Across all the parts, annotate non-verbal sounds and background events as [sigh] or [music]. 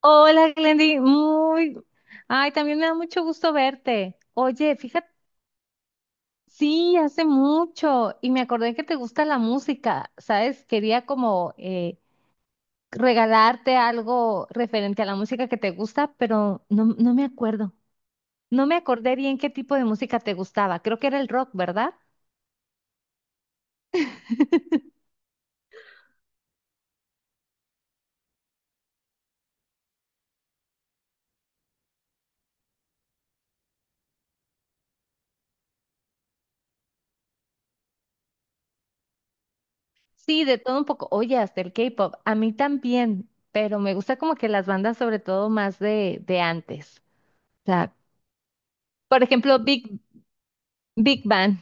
Hola, Glendy. Muy. Ay, también me da mucho gusto verte. Oye, fíjate, sí, hace mucho y me acordé que te gusta la música, ¿sabes? Quería como regalarte algo referente a la música que te gusta, pero no me acuerdo. No me acordé bien qué tipo de música te gustaba. Creo que era el rock, ¿verdad? Sí, de todo un poco. Oye, hasta el K-pop. A mí también, pero me gusta como que las bandas, sobre todo más de antes. O sea, por ejemplo, Big Bang.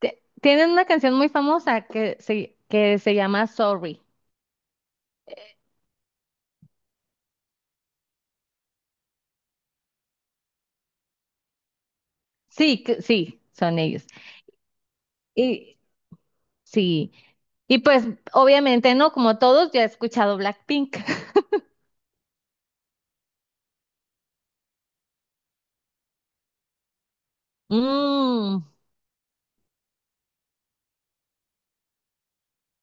Tienen una canción muy famosa que se llama Sorry. Sí, sí, son ellos. Y sí, y pues obviamente no, como todos, ya he escuchado Blackpink. [laughs] Mm,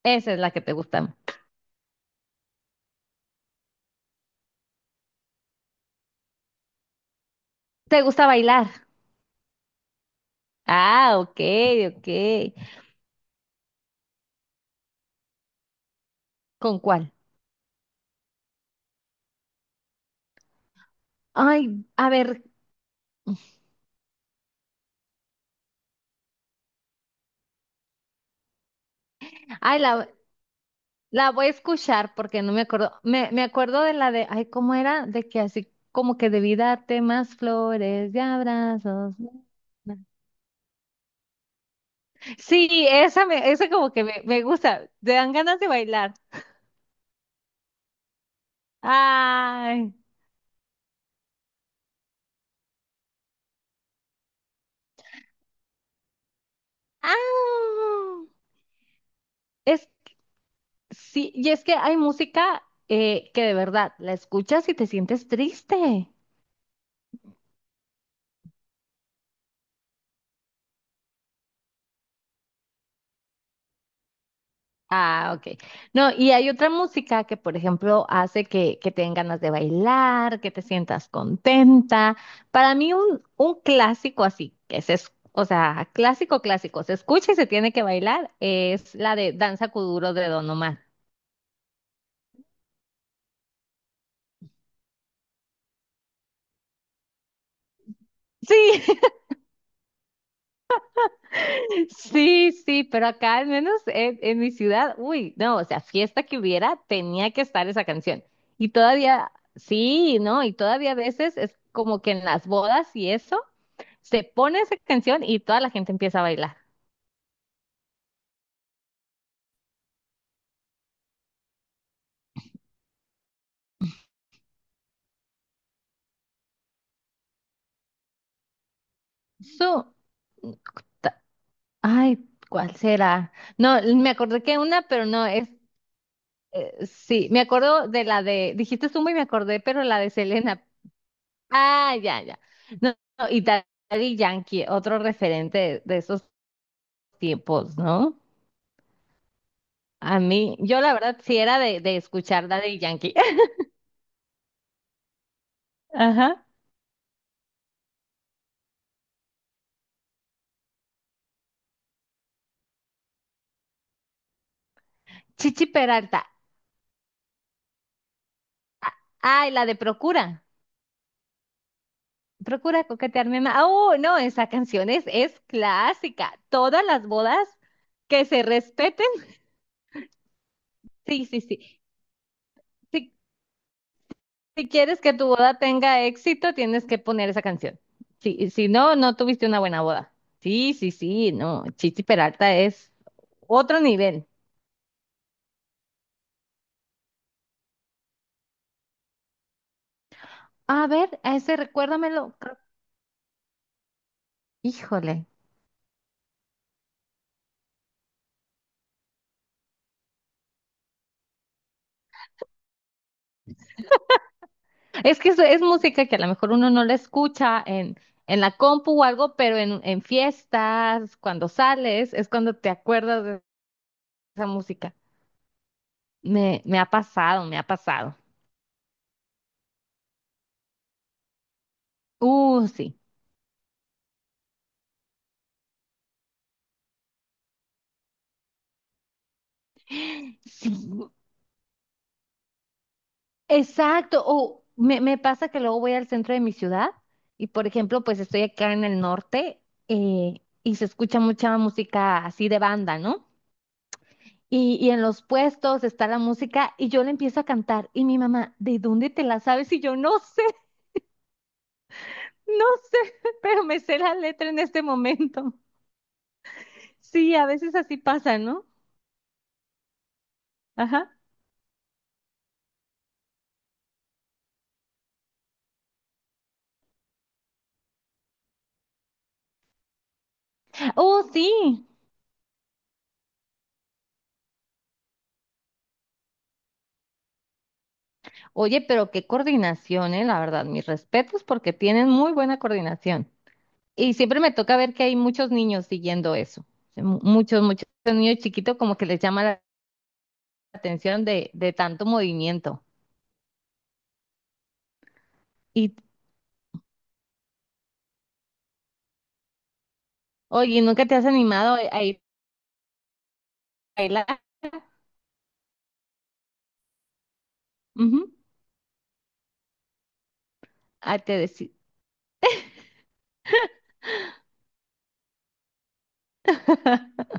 esa es la que te gusta. ¿Te gusta bailar? Ah, ok, ok. ¿Con cuál? Ay, a ver, ay, la voy a escuchar porque no me acuerdo. Me acuerdo de la de, ay, ¿cómo era? De que así como que debí darte más flores y abrazos. Sí, esa como que me gusta, te dan ganas de bailar. Ay, ah, es sí, y es que hay música que de verdad la escuchas y te sientes triste. Ah, ok. No, y hay otra música que, por ejemplo, hace que te den ganas de bailar, que te sientas contenta. Para mí, un clásico así, o sea, clásico, clásico, se escucha y se tiene que bailar, es la de Danza Kuduro de Don Omar. Sí, sí, pero acá al menos en mi ciudad, uy, no, o sea, fiesta que hubiera, tenía que estar esa canción. Y todavía, sí, ¿no? Y todavía a veces es como que en las bodas y eso, se pone esa canción y toda la gente empieza a bailar. Su, ta- ay, ¿Cuál será? No, me acordé que una, pero no, es, sí, me acuerdo de la de, dijiste Zumba y me acordé, pero la de Selena. Ah, ya, ya. No, no, y Daddy Yankee, otro referente de esos tiempos, ¿no? A mí, yo la verdad sí era de escuchar Daddy Yankee. [laughs] Ajá. Chichi Peralta. Ay, la de Procura. Procura coquetearme más. Oh, no, esa canción es clásica. Todas las bodas que se respeten. Sí, sí, sí. Si, si quieres que tu boda tenga éxito, tienes que poner esa canción. Sí, si no, no tuviste una buena boda. Sí, sí, sí, no. Chichi Peralta es otro nivel. A ver, a ese recuérdamelo. Creo- Híjole. Es que es música que a lo mejor uno no la escucha en la compu o algo, pero en fiestas, cuando sales, es cuando te acuerdas de esa música. Me ha pasado, me ha pasado. Sí. Sí, exacto. O me pasa que luego voy al centro de mi ciudad y, por ejemplo, pues estoy acá en el norte y se escucha mucha música así de banda, ¿no? Y en los puestos está la música y yo le empiezo a cantar y mi mamá, ¿de dónde te la sabes? Y yo no no sé, [laughs] pero me sé la letra en este momento. Sí, a veces así pasa, ¿no? Ajá. Oh, sí. Oye, pero qué coordinación, la verdad. Mis respetos porque tienen muy buena coordinación. Y siempre me toca ver que hay muchos niños siguiendo eso. Sí, muchos, muchos niños chiquitos como que les llama la atención de tanto movimiento. Y, oye, ¿nunca te has animado a ir a bailar? Ujú. Ah, te deci- [laughs]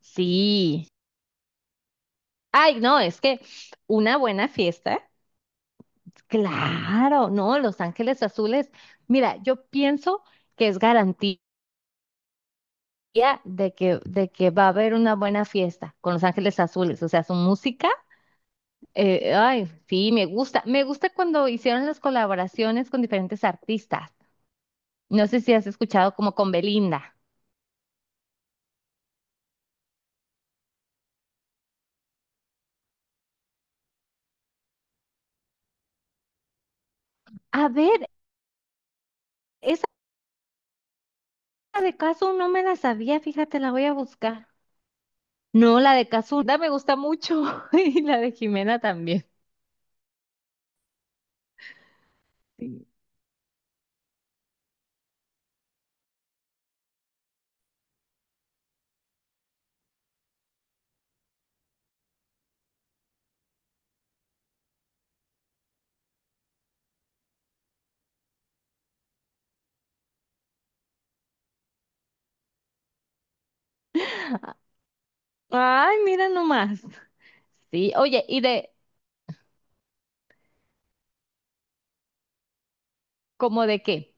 Sí. Ay, no, es que una buena fiesta. Claro, no, Los Ángeles Azules. Mira, yo pienso que es garantía de de que va a haber una buena fiesta con Los Ángeles Azules. O sea, su música, ay, sí, me gusta. Me gusta cuando hicieron las colaboraciones con diferentes artistas. No sé si has escuchado como con Belinda. A ver, esa de Casu no me la sabía, fíjate, la voy a buscar. No, la de Caso me gusta mucho [laughs] y la de Jimena también. Ay, mira nomás. Sí, oye, ¿y de cómo de qué?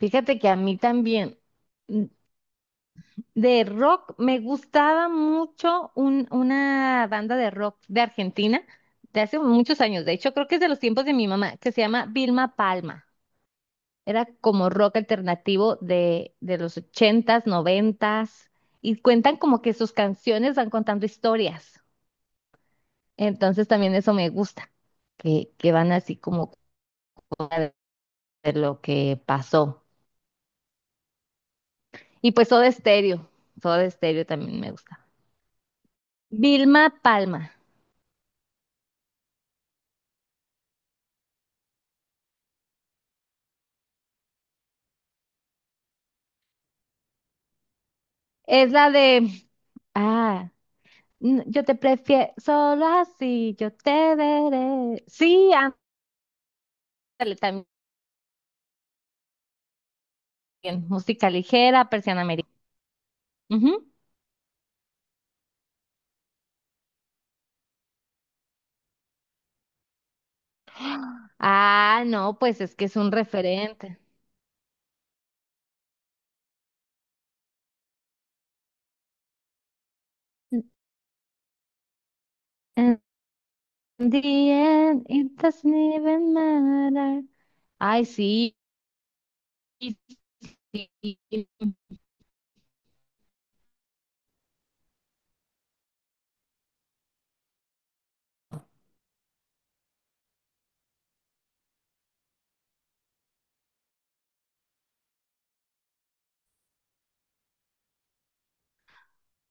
Fíjate que a mí también mm, de rock me gustaba mucho una banda de rock de Argentina de hace muchos años. De hecho, creo que es de los tiempos de mi mamá, que se llama Vilma Palma. Era como rock alternativo de los ochentas, noventas, y cuentan como que sus canciones van contando historias. Entonces también eso me gusta, que van así como de lo que pasó. Y pues Soda Stereo, Soda Stereo también me gusta. Vilma Palma, es la de, ah, n- yo te prefiero solo así, yo te veré. Sí, ándale también, música ligera, persiana americana. Ujú. Ah, no, pues es que es un referente. And the end, it doesn't even matter. Ay, sí, sí,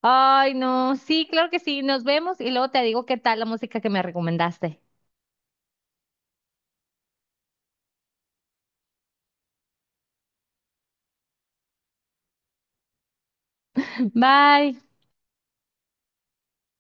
Ay, no, sí, claro que sí, nos vemos y luego te digo qué tal la música que me recomendaste. Bye.